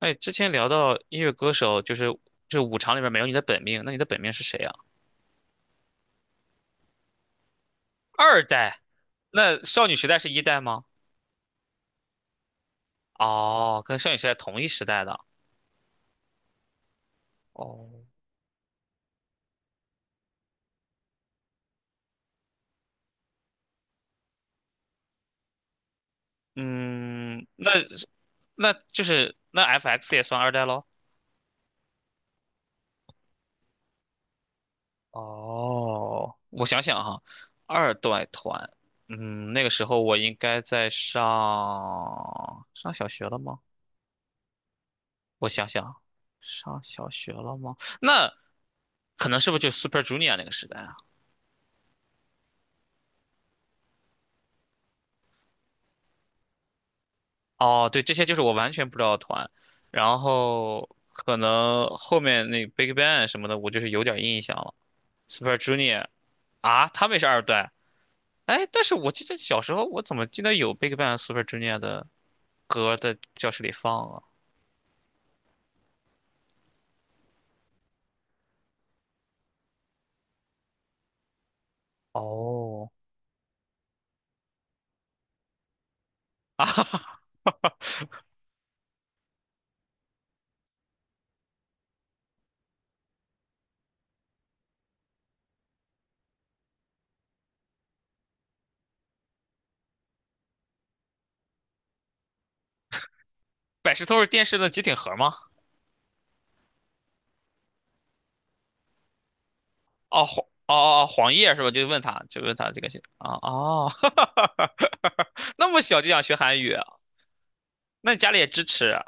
哎，之前聊到音乐歌手，就是五常里边没有你的本命，那你的本命是谁啊？二代？那少女时代是一代吗？哦，跟少女时代同一时代的。哦，嗯，那那 FX 也算二代喽？哦，我想想哈，二代团，嗯，那个时候我应该在上小学了吗？我想想啊，上小学了吗？那可能是不是就 Super Junior 那个时代啊？哦，对，这些就是我完全不知道的团，然后可能后面那 Big Bang 什么的，我就是有点印象了。Super Junior 啊，他们也是二段。哎，但是我记得小时候我怎么记得有 Big Bang、Super Junior 的歌在教室里放啊？哦，啊，百事通是电视的机顶盒吗？哦，黄哦哦哦，黄页是吧？就问他，就问他这个是啊哦，那么小就想学韩语啊，那你家里也支持啊，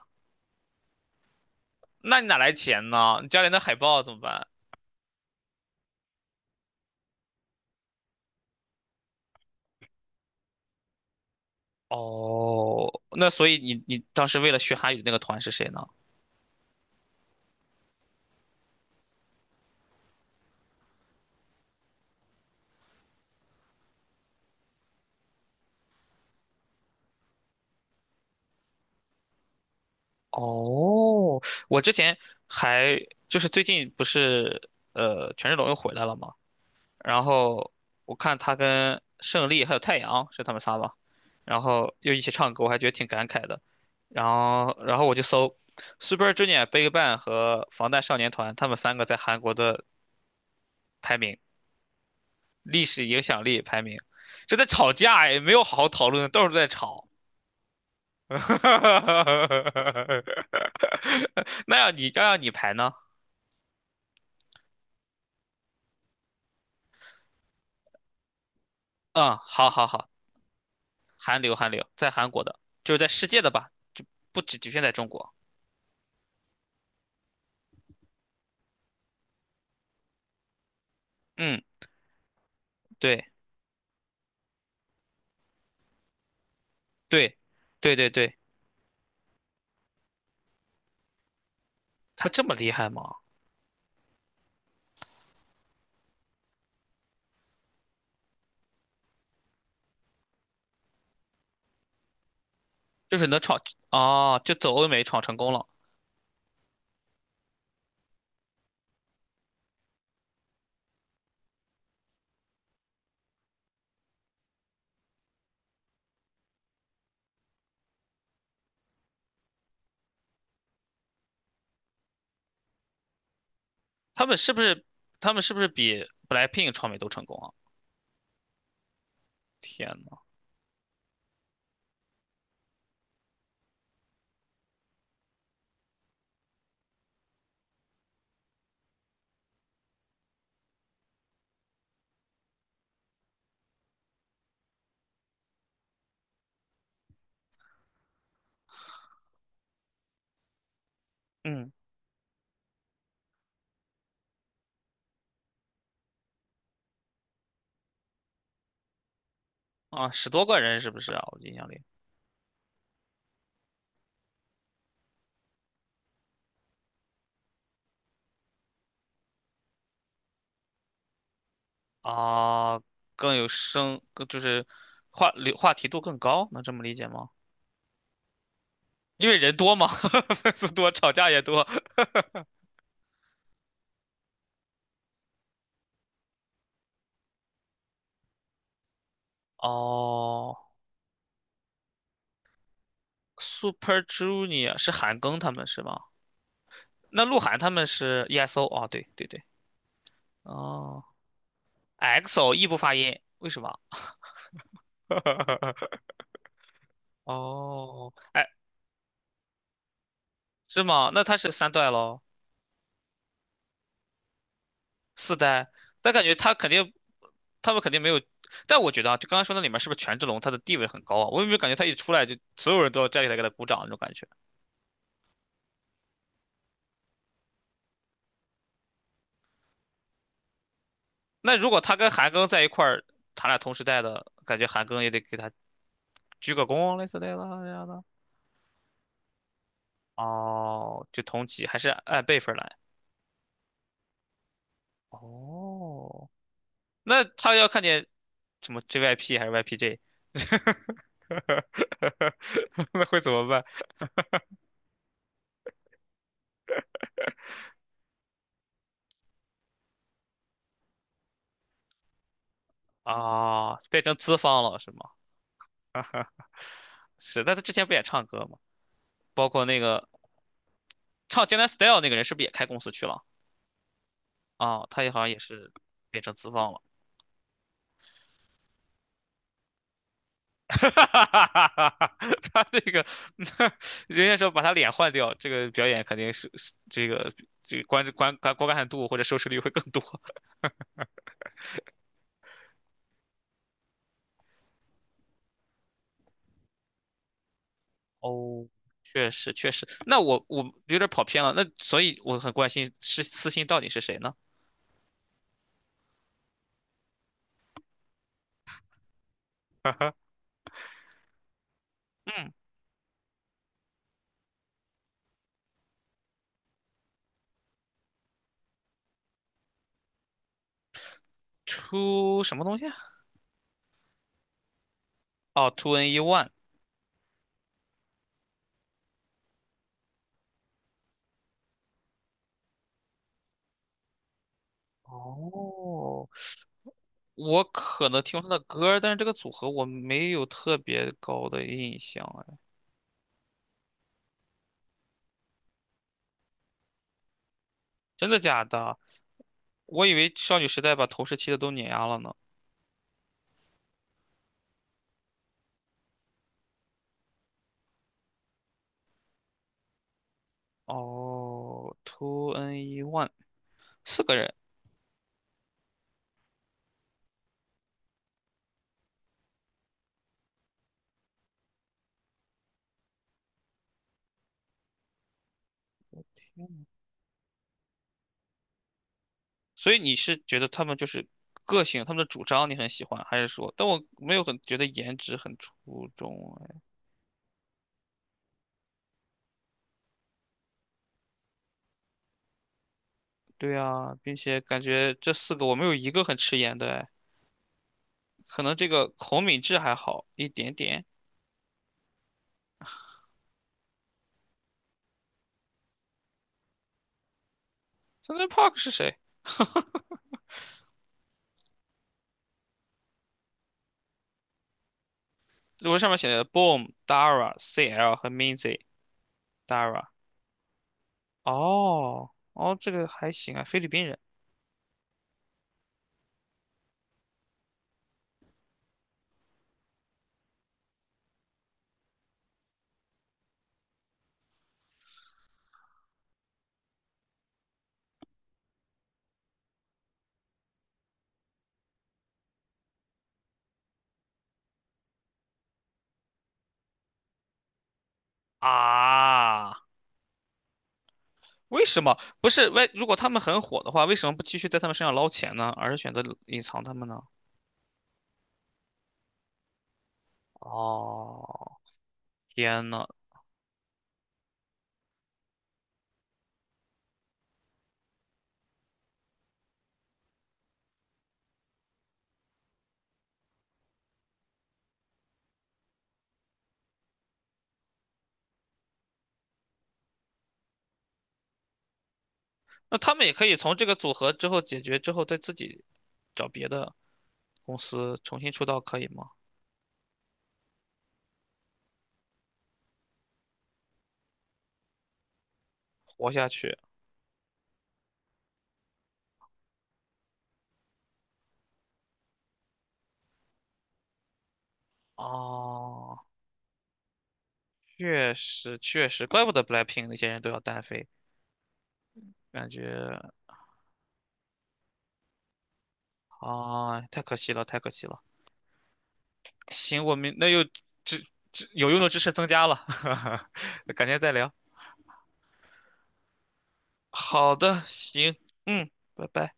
那你哪来钱呢？你家里那海报怎么办？哦，那所以你当时为了学韩语的那个团是谁呢？哦，我之前还就是最近不是权志龙又回来了嘛，然后我看他跟胜利还有太阳是他们仨吧，然后又一起唱歌，我还觉得挺感慨的。然后我就搜 Super Junior、BigBang 和防弹少年团，他们三个在韩国的排名，历史影响力排名，这在吵架也没有好好讨论，到处在吵。哈哈哈那要让你排呢？嗯，好好好，韩流韩流，在韩国的，就是在世界的吧，就不只局限在中国。嗯，对对对对对，他这么厉害吗？就是能闯哦，就走欧美闯成功了。他们是不是他们是不是比 BLACKPINK 闯美都成功啊？天呐，嗯啊，十多个人是不是啊？我印象里啊，更有声，更就是话流话题度更高，能这么理解吗？因为人多嘛，粉丝多，吵架也多。哦，Super Junior 是韩庚他们是吗？那鹿晗他们是 EXO 哦，对对对，哦，E x o 异不发音，为什么？哦，哎，是吗？那他是三代咯，四代，但感觉他肯定，他们肯定没有。但我觉得啊，就刚刚说那里面是不是权志龙他的地位很高啊？我有没有感觉他一出来就所有人都要站起来给他鼓掌那种感觉？那如果他跟韩庚在一块儿，他俩同时代的，感觉韩庚也得给他鞠个躬，类似这样的。哦，就同级，还是按辈分来。哦，那他要看见什么 JYP 还是 YPJ，那会怎么办啊？变成资方了是吗？是，但他之前不也唱歌吗？包括那个唱《江南 Style》那个人，是不是也开公司去了？啊，他也好像也是变成资方了。哈，他这个，人家说把他脸换掉，这个表演肯定是这个这个观观观观看度或者收视率会更多。哦，确实确实，那我有点跑偏了，那所以我很关心是私信到底是谁呢？嗯，Two 什么东西啊？哦，Two N E One。哦，我可能听过他的歌，但是这个组合我没有特别高的印象哎，真的假的？我以为少女时代把头十七的都碾压了呢。哦，two n e one 四个人，所以你是觉得他们就是个性，他们的主张你很喜欢，还是说？但我没有很觉得颜值很出众，哎，对啊，并且感觉这四个我没有一个很吃颜的，哎，可能这个孔敏智还好一点点。s o u t h e Park 是谁？我上面写的 Boom、Dara、CL 和 Minzy、Dara。哦，哦，这个还行啊，菲律宾人啊。为什么不是？为如果他们很火的话，为什么不继续在他们身上捞钱呢？而是选择隐藏他们呢？哦，天呐，那他们也可以从这个组合之后解决之后，再自己找别的公司重新出道，可以吗？活下去。哦，确实确实，怪不得 BLACKPINK 那些人都要单飞，感觉啊，太可惜了，太可惜了。行，我们那又知知有用的知识增加了，改天再聊。好的，行，嗯，拜拜。